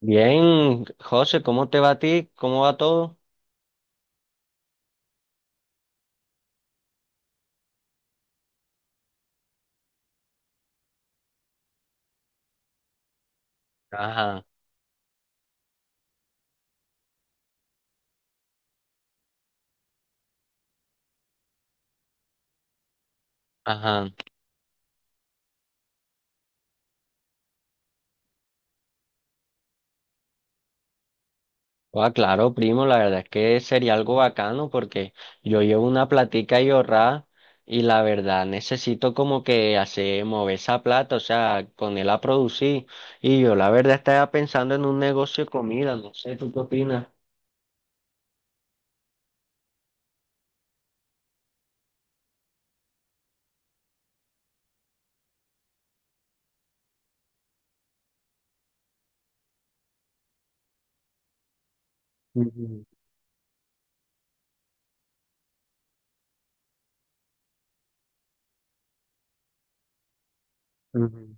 Bien, José, ¿cómo te va a ti? ¿Cómo va todo? Ajá, ajá. Ah, claro, primo, la verdad es que sería algo bacano porque yo llevo una platica y ahorrada y la verdad necesito como que hacer mover esa plata, o sea, ponerla a producir. Y yo la verdad estaba pensando en un negocio de comida, no sé, ¿tú qué opinas? Ujú, ujú,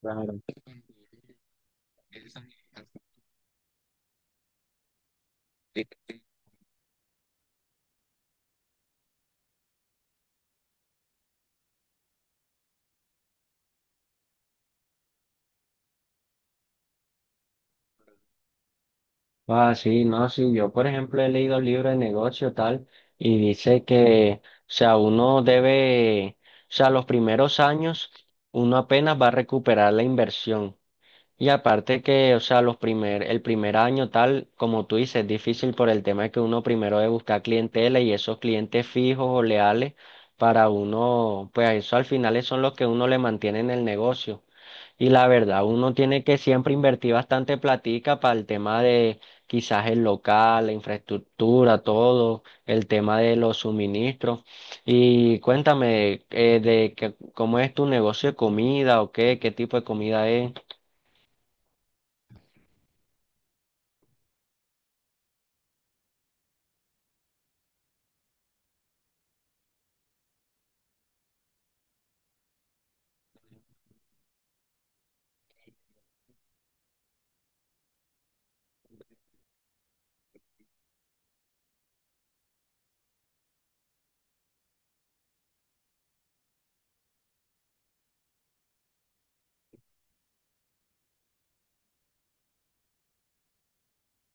claro. Ah, sí, no, sí, yo por ejemplo he leído libros de negocio tal y dice que, o sea, uno debe, o sea, los primeros años uno apenas va a recuperar la inversión. Y aparte que, o sea, el primer año tal, como tú dices, es difícil por el tema de que uno primero debe buscar clientela y esos clientes fijos o leales para uno, pues eso al final son los que uno le mantiene en el negocio. Y la verdad, uno tiene que siempre invertir bastante platica para el tema de quizás el local, la infraestructura, todo, el tema de los suministros. Y cuéntame, de que, cómo es tu negocio de comida o qué tipo de comida es.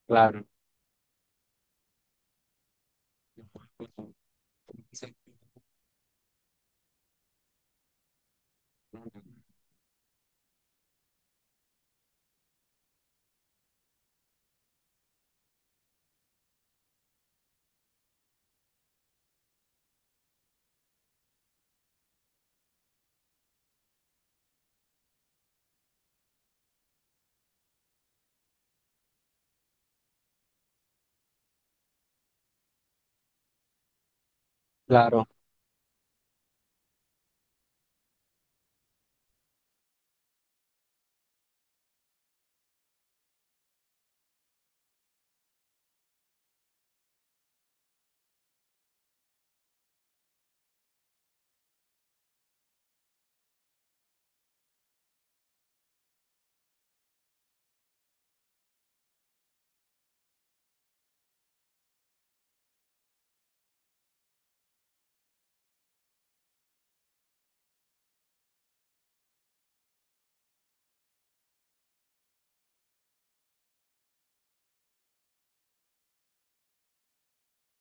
Claro. Claro,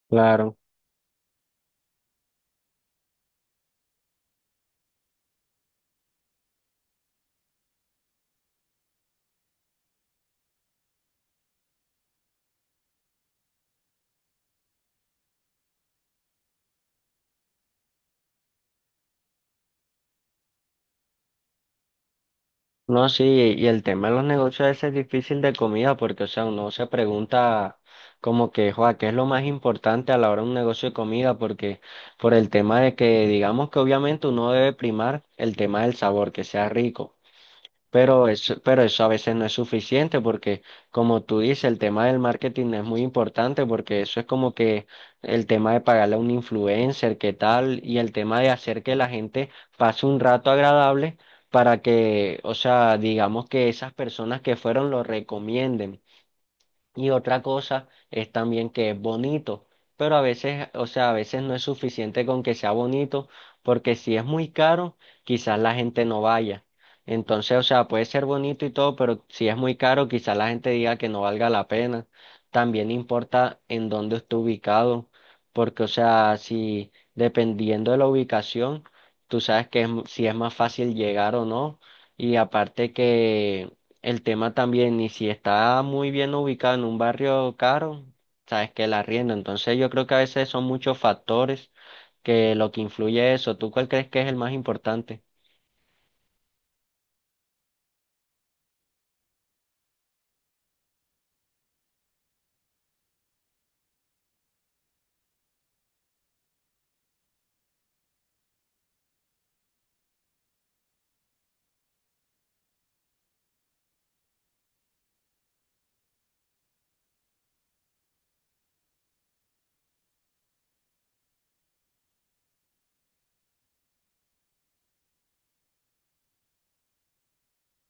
claro. No, sí, y el tema de los negocios ese es difícil de comida porque, o sea, uno se pregunta como que, joa, ¿qué es lo más importante a la hora de un negocio de comida? Porque por el tema de que, digamos que obviamente uno debe primar el tema del sabor, que sea rico. Pero eso a veces no es suficiente porque, como tú dices, el tema del marketing es muy importante porque eso es como que el tema de pagarle a un influencer, qué tal, y el tema de hacer que la gente pase un rato agradable para que, o sea, digamos que esas personas que fueron lo recomienden. Y otra cosa es también que es bonito, pero a veces, o sea, a veces no es suficiente con que sea bonito, porque si es muy caro, quizás la gente no vaya. Entonces, o sea, puede ser bonito y todo, pero si es muy caro, quizás la gente diga que no valga la pena. También importa en dónde esté ubicado, porque, o sea, si dependiendo de la ubicación, tú sabes que si es más fácil llegar o no, y aparte que el tema también, y si está muy bien ubicado en un barrio caro, sabes que la arriendo. Entonces yo creo que a veces son muchos factores que lo que influye eso. ¿Tú cuál crees que es el más importante?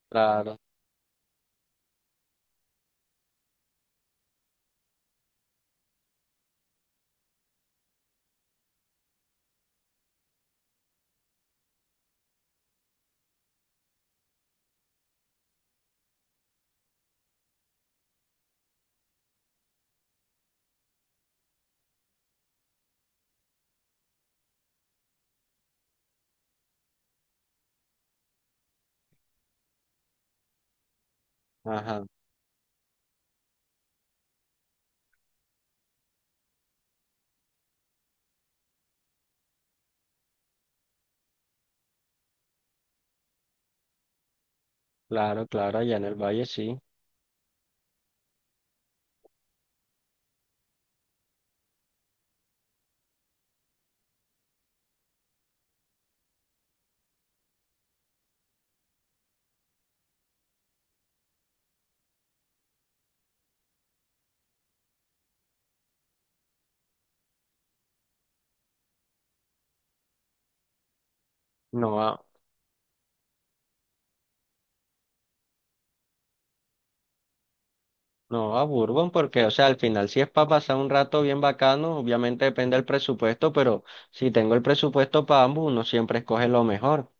Claro, ajá, claro, claro, allá en el valle sí. No a, no a Bourbon porque, o sea, al final si es para pasar un rato bien bacano, obviamente depende del presupuesto, pero si tengo el presupuesto para ambos, uno siempre escoge lo mejor.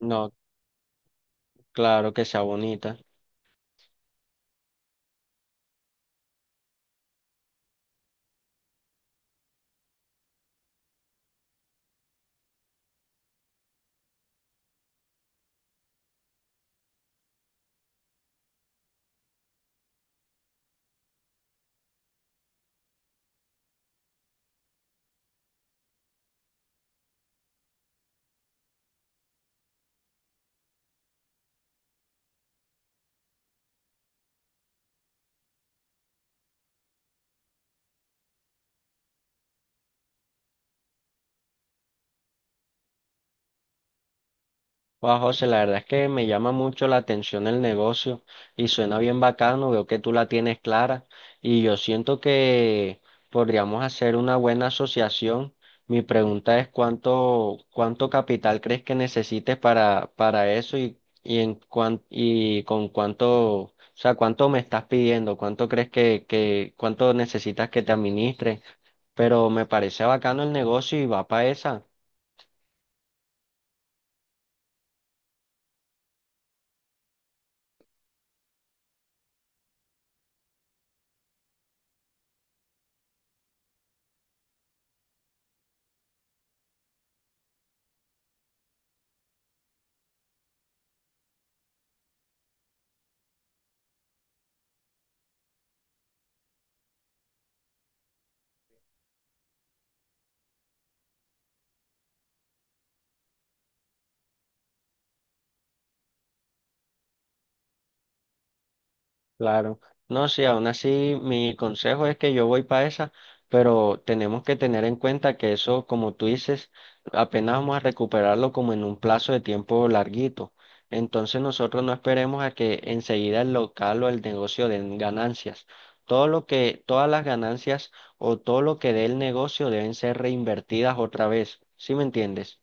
No, claro que sea bonita. Wow, José, la verdad es que me llama mucho la atención el negocio y suena bien bacano, veo que tú la tienes clara y yo siento que podríamos hacer una buena asociación. Mi pregunta es cuánto capital crees que necesites para eso y y con cuánto, o sea, cuánto me estás pidiendo, cuánto crees que cuánto necesitas que te administre, pero me parece bacano el negocio y va para esa. Claro, no, sí, aún así mi consejo es que yo voy para esa, pero tenemos que tener en cuenta que eso, como tú dices, apenas vamos a recuperarlo como en un plazo de tiempo larguito. Entonces nosotros no esperemos a que enseguida el local o el negocio den ganancias. Todas las ganancias o todo lo que dé el negocio deben ser reinvertidas otra vez. ¿Sí me entiendes?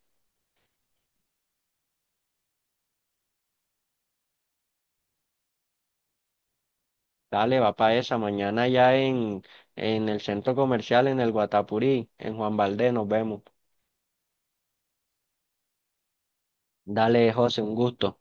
Dale, va para esa. En el centro comercial, en el Guatapurí, en Juan Valdez, nos vemos. Dale, José, un gusto.